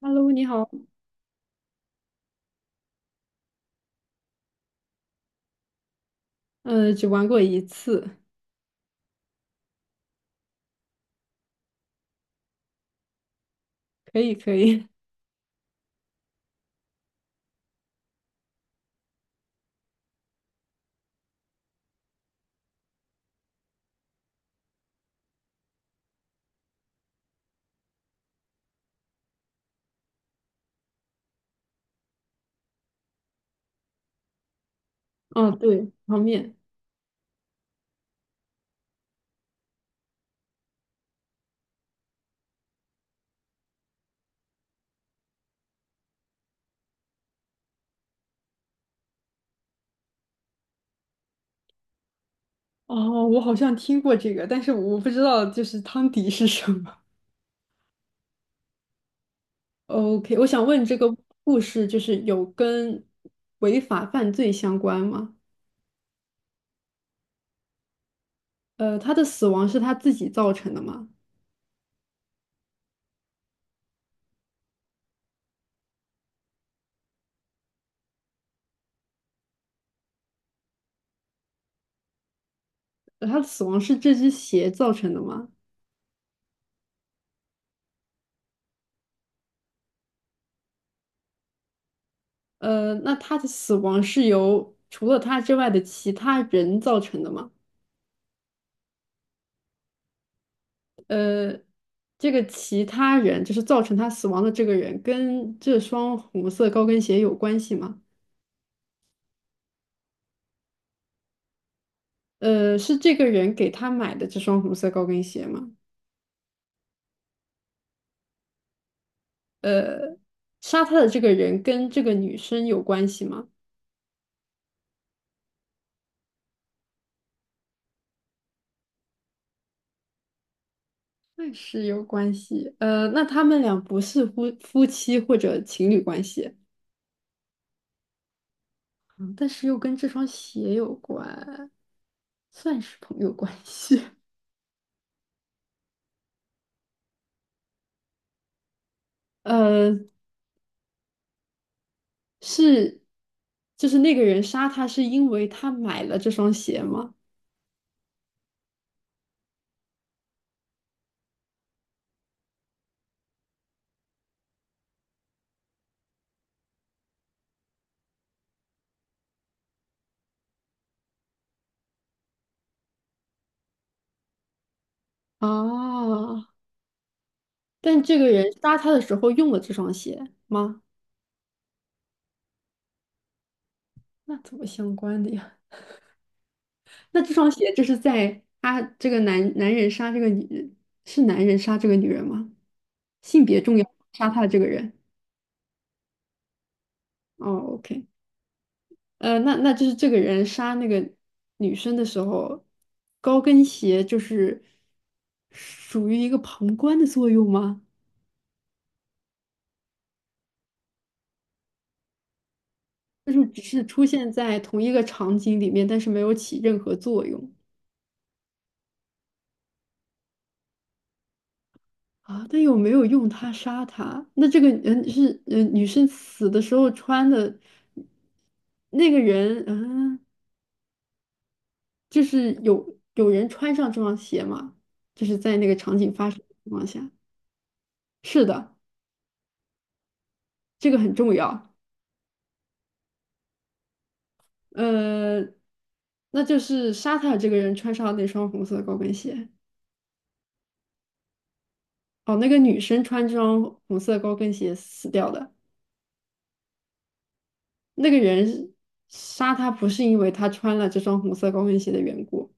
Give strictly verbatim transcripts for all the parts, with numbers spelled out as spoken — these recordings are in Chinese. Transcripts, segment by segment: Hello，你好。呃，只玩过一次，可以可以。哦，对，泡面。哦，我好像听过这个，但是我不知道就是汤底是什么。OK，我想问这个故事就是有跟违法犯罪相关吗？呃，他的死亡是他自己造成的吗？呃他的死亡是这只鞋造成的吗？呃，那他的死亡是由除了他之外的其他人造成的吗？呃，这个其他人就是造成他死亡的这个人，跟这双红色高跟鞋有关系吗？呃，是这个人给他买的这双红色高跟鞋吗？呃，杀他的这个人跟这个女生有关系吗？那是有关系。呃，那他们俩不是夫夫妻或者情侣关系，嗯但是又跟这双鞋有关，算是朋友关系。呃，是，就是那个人杀他是因为他买了这双鞋吗？啊，但这个人杀他的时候用了这双鞋吗？那怎么相关的呀？那这双鞋就是在他这个男男人杀这个女人，是男人杀这个女人吗？性别重要，杀他的这个人。哦，OK，呃，那那就是这个人杀那个女生的时候，高跟鞋就是属于一个旁观的作用吗？就是只是出现在同一个场景里面，但是没有起任何作用啊。但有没有用它杀它？那这个人是嗯呃女生死的时候穿的那个人嗯，呃就是有有人穿上这双鞋吗？就是在那个场景发生的情况下，是的，这个很重要。呃，那就是杀他的这个人穿上那双红色高跟鞋。哦，那个女生穿这双红色高跟鞋死掉的。那个人杀他不是因为他穿了这双红色高跟鞋的缘故，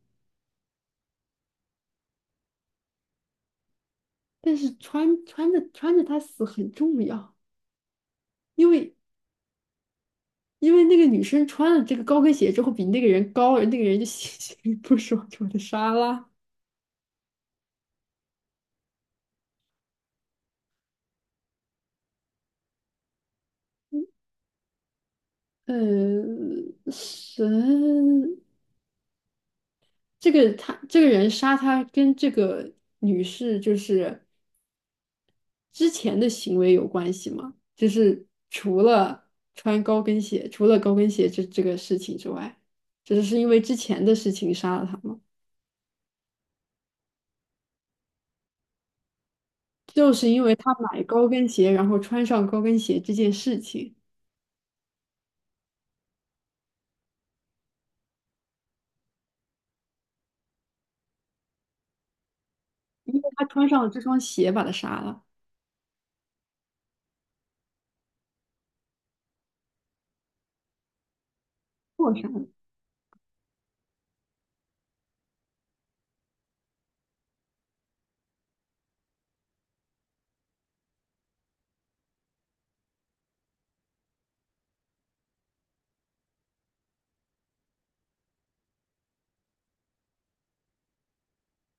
但是穿穿着穿着他死很重要，因为因为那个女生穿了这个高跟鞋之后比那个人高，而那个人就 心情不爽，就把他杀了。嗯，神，这个他这个人杀他跟这个女士就是。之前的行为有关系吗？就是除了穿高跟鞋，除了高跟鞋这这个事情之外，只是是因为之前的事情杀了他吗？就是因为他买高跟鞋，然后穿上高跟鞋这件事情，因为他穿上了这双鞋把他杀了，做杀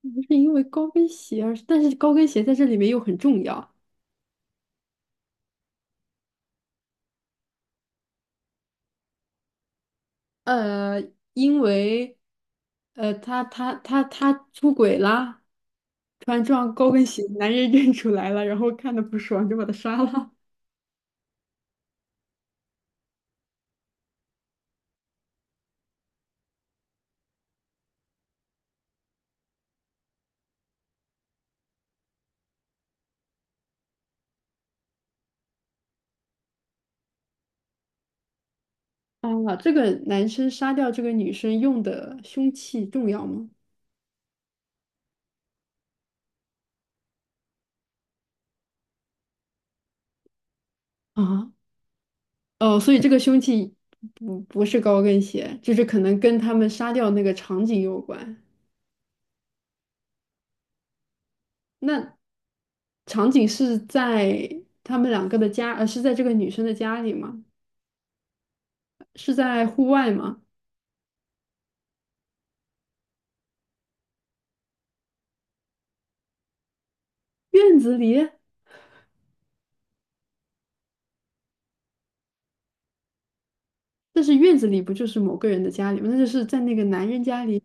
不是因为高跟鞋而，是但是高跟鞋在这里面又很重要。呃，因为，呃，他他他他出轨啦。穿然撞高跟鞋，男人认出来了，然后看的不爽就把他杀了。啊，这个男生杀掉这个女生用的凶器重要吗？啊，哦，所以这个凶器不不是高跟鞋，就是可能跟他们杀掉那个场景有关。那场景是在他们两个的家，呃，是在这个女生的家里吗？是在户外吗？院子里？但是院子里不就是某个人的家里吗？那就是在那个男人家里，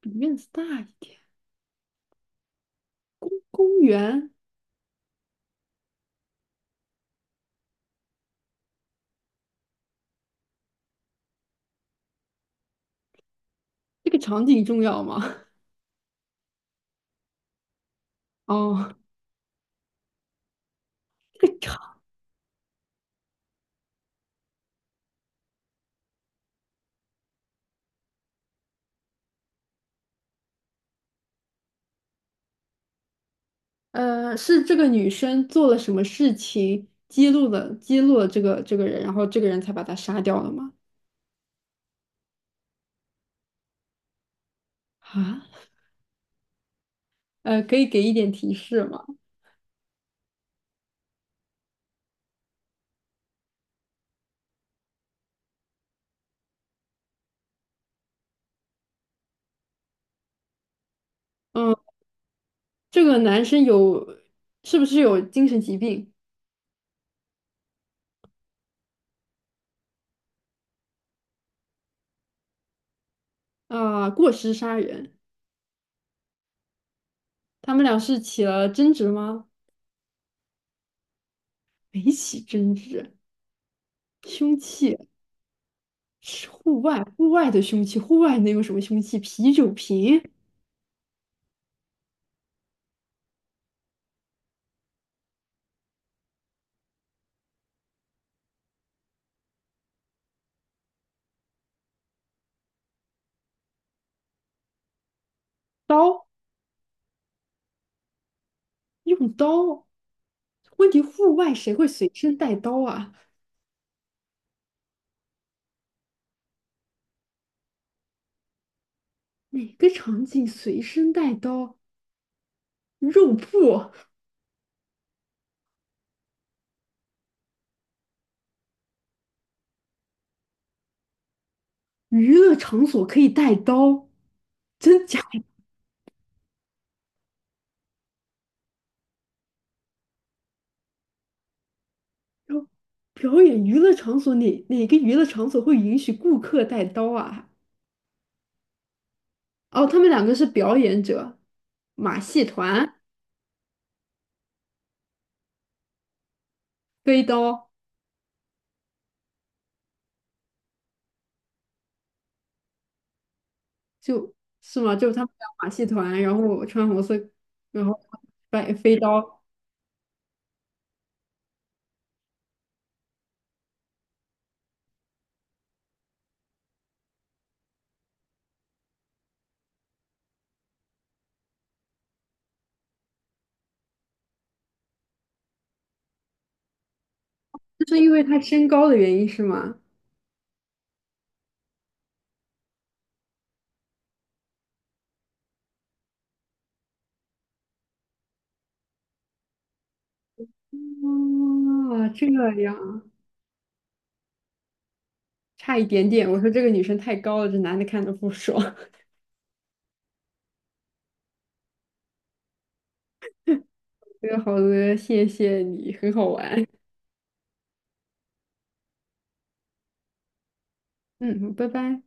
比院子大一点。公园。这个场景重要吗？哦，这个场，呃，是这个女生做了什么事情揭露了揭露了这个这个人，然后这个人才把他杀掉了吗？啊，呃，可以给一点提示吗？嗯，这个男生有是不是有精神疾病啊，过失杀人，他们俩是起了争执吗？没起争执，凶器是户外户外的凶器，户外能有什么凶器？啤酒瓶、刀。用刀？问题户外谁会随身带刀啊？哪个场景随身带刀？肉铺、娱乐场所可以带刀？真假的？表演娱乐场所哪哪个娱乐场所会允许顾客带刀啊？哦，他们两个是表演者，马戏团飞刀就是吗？就是他们俩马戏团，然后穿红色，然后摆飞刀，就是因为他身高的原因是吗？哦，这样啊，差一点点。我说这个女生太高了，这男的看着不爽。这个好的，谢谢你，很好玩。嗯，拜拜。